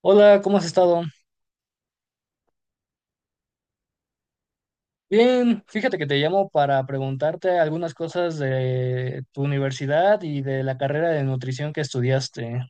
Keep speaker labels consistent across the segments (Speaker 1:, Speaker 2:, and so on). Speaker 1: Hola, ¿cómo has estado? Bien, fíjate que te llamo para preguntarte algunas cosas de tu universidad y de la carrera de nutrición que estudiaste.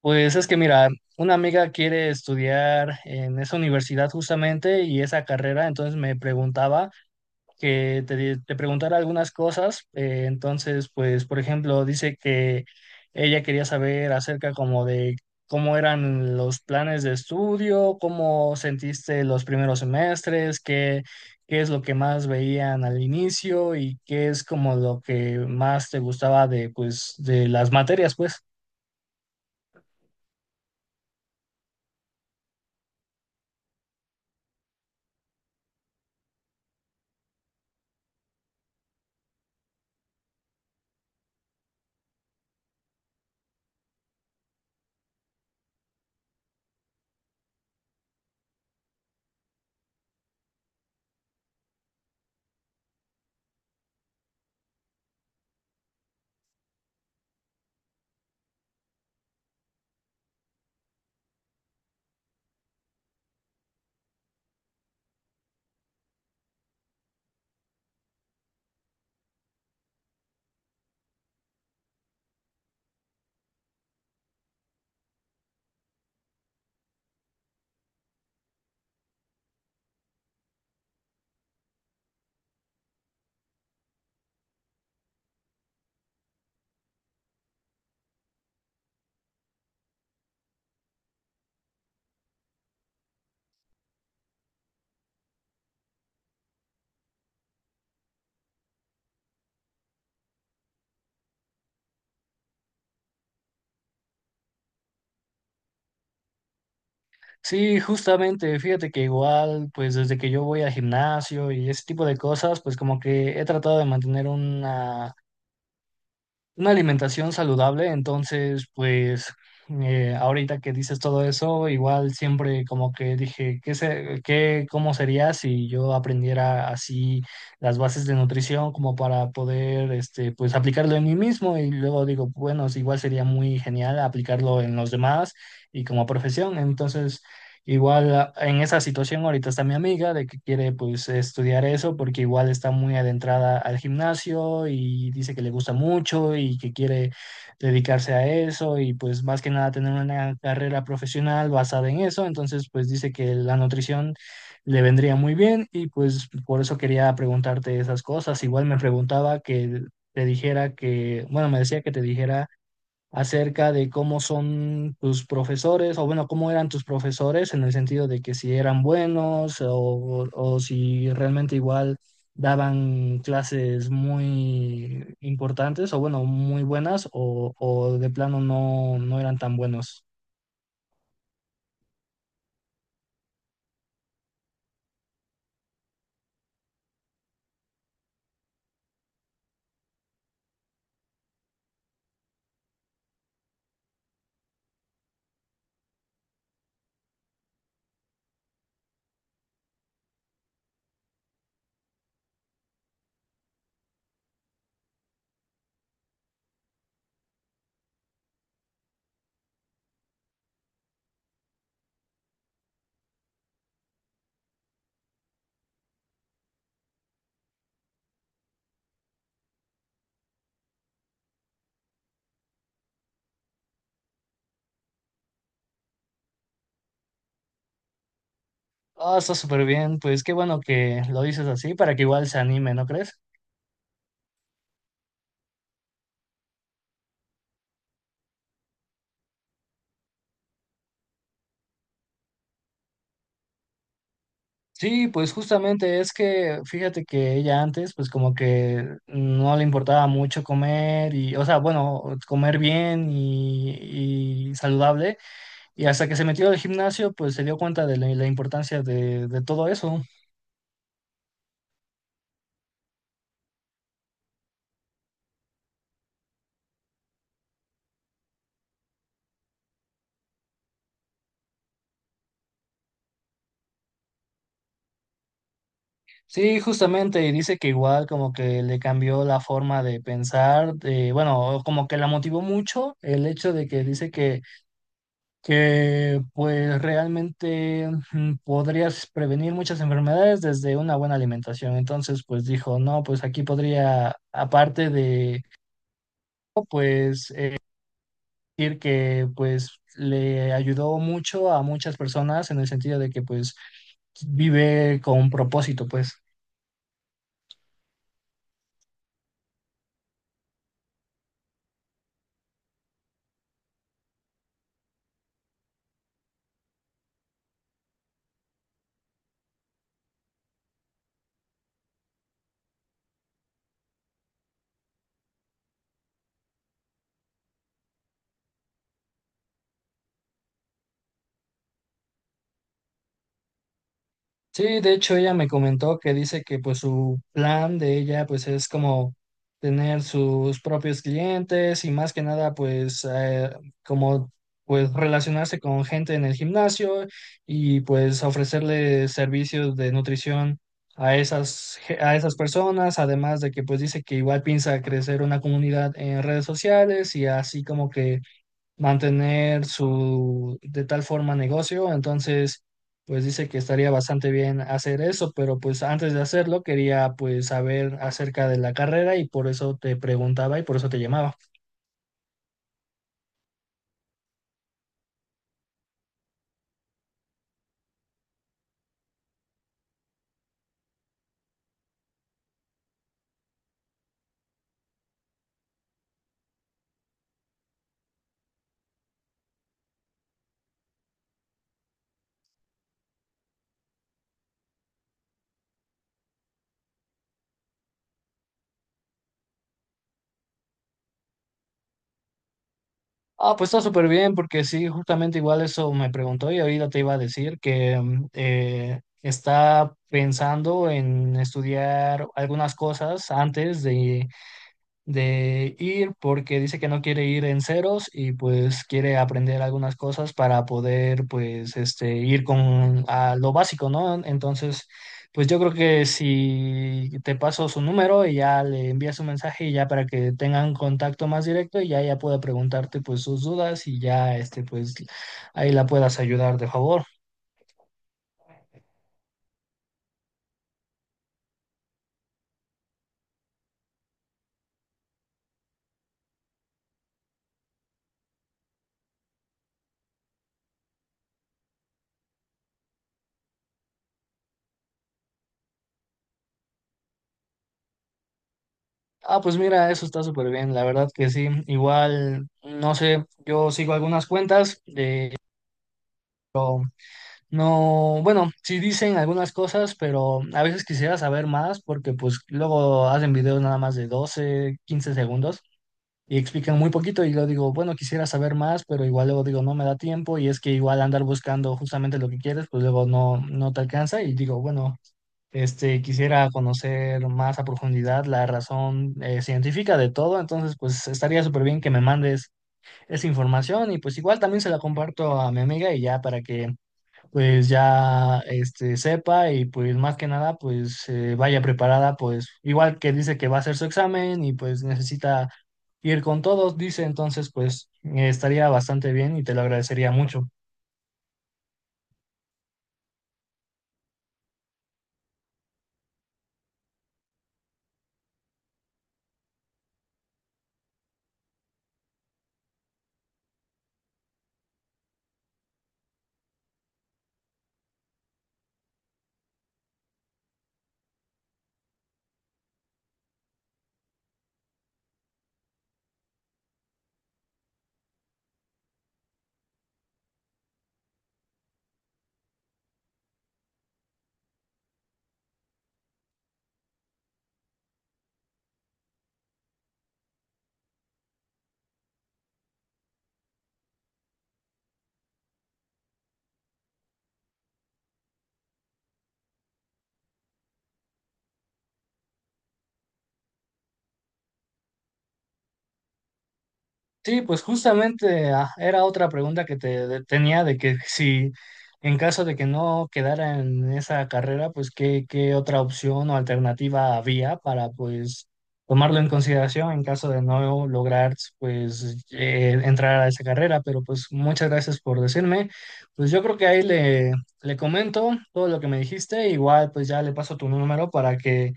Speaker 1: Pues es que mira, una amiga quiere estudiar en esa universidad justamente y esa carrera, entonces me preguntaba que te preguntara algunas cosas. Entonces, pues, por ejemplo, dice que ella quería saber acerca como de cómo eran los planes de estudio, cómo sentiste los primeros semestres, qué es lo que más veían al inicio y qué es como lo que más te gustaba de las materias, pues. Sí, justamente, fíjate que igual, pues desde que yo voy al gimnasio y ese tipo de cosas, pues como que he tratado de mantener una alimentación saludable, entonces, pues ahorita que dices todo eso, igual siempre como que dije, cómo sería si yo aprendiera así las bases de nutrición como para poder, este, pues aplicarlo en mí mismo? Y luego digo, bueno, sí, igual sería muy genial aplicarlo en los demás y como profesión. Entonces, igual en esa situación ahorita está mi amiga de que quiere pues estudiar eso porque igual está muy adentrada al gimnasio y dice que le gusta mucho y que quiere dedicarse a eso y pues más que nada tener una carrera profesional basada en eso. Entonces pues dice que la nutrición le vendría muy bien y pues por eso quería preguntarte esas cosas. Igual me preguntaba que te dijera que, bueno, me decía que te dijera acerca de cómo son tus profesores, o bueno, cómo eran tus profesores en el sentido de que si eran buenos o si realmente igual daban clases muy importantes o bueno, muy buenas o de plano no, no eran tan buenos. Ah, está súper bien, pues qué bueno que lo dices así para que igual se anime, ¿no crees? Sí, pues justamente es que fíjate que ella antes pues como que no le importaba mucho comer y, o sea, bueno, comer bien y saludable y hasta que se metió al gimnasio pues se dio cuenta de la importancia de todo eso. Sí, justamente y dice que igual como que le cambió la forma de pensar, de, bueno, como que la motivó mucho el hecho de que dice que pues realmente podrías prevenir muchas enfermedades desde una buena alimentación. Entonces, pues dijo, no, pues aquí podría, aparte de, pues, decir que pues le ayudó mucho a muchas personas en el sentido de que pues vive con propósito, pues. Sí, de hecho ella me comentó que dice que pues su plan de ella pues es como tener sus propios clientes y más que nada pues como pues relacionarse con gente en el gimnasio y pues ofrecerle servicios de nutrición a a esas personas, además de que pues dice que igual piensa crecer una comunidad en redes sociales y así como que mantener su de tal forma negocio, entonces pues dice que estaría bastante bien hacer eso, pero pues antes de hacerlo quería pues saber acerca de la carrera y por eso te preguntaba y por eso te llamaba. Ah, pues está súper bien porque sí, justamente igual eso me preguntó y ahorita te iba a decir que está pensando en estudiar algunas cosas antes de ir porque dice que no quiere ir en ceros y pues quiere aprender algunas cosas para poder pues este ir con a lo básico, ¿no? Entonces, pues yo creo que si te paso su número y ya le envías un mensaje y ya para que tengan contacto más directo y ya ella pueda preguntarte pues sus dudas y ya este pues ahí la puedas ayudar de favor. Ah, pues mira, eso está súper bien, la verdad que sí. Igual, no sé, yo sigo algunas cuentas. No, bueno, sí dicen algunas cosas, pero a veces quisiera saber más porque pues luego hacen videos nada más de 12-15 segundos y explican muy poquito y yo digo, bueno, quisiera saber más, pero igual luego digo, no me da tiempo y es que igual andar buscando justamente lo que quieres, pues luego no, no te alcanza y digo, bueno, este, quisiera conocer más a profundidad la razón científica de todo, entonces pues estaría súper bien que me mandes esa información y pues igual también se la comparto a mi amiga y ya para que pues ya este, sepa y pues más que nada pues vaya preparada, pues igual que dice que va a hacer su examen y pues necesita ir con todos, dice, entonces pues estaría bastante bien y te lo agradecería mucho. Sí, pues justamente ah, era otra pregunta que tenía de que si en caso de que no quedara en esa carrera, pues qué otra opción o alternativa había para pues tomarlo en consideración en caso de no lograr pues entrar a esa carrera. Pero pues muchas gracias por decirme. Pues yo creo que le comento todo lo que me dijiste. Igual pues ya le paso tu número para que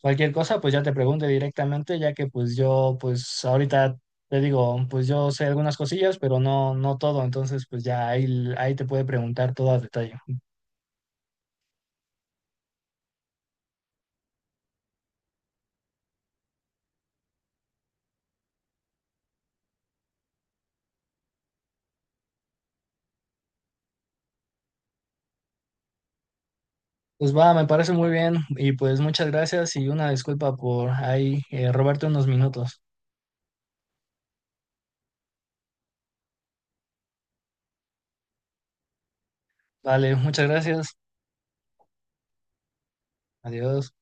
Speaker 1: cualquier cosa, pues ya te pregunte directamente, ya que pues yo, pues ahorita te digo, pues yo sé algunas cosillas, pero no, no todo, entonces pues ya ahí te puede preguntar todo a detalle. Pues va, me parece muy bien y pues muchas gracias y una disculpa por ahí robarte unos minutos. Vale, muchas gracias. Adiós.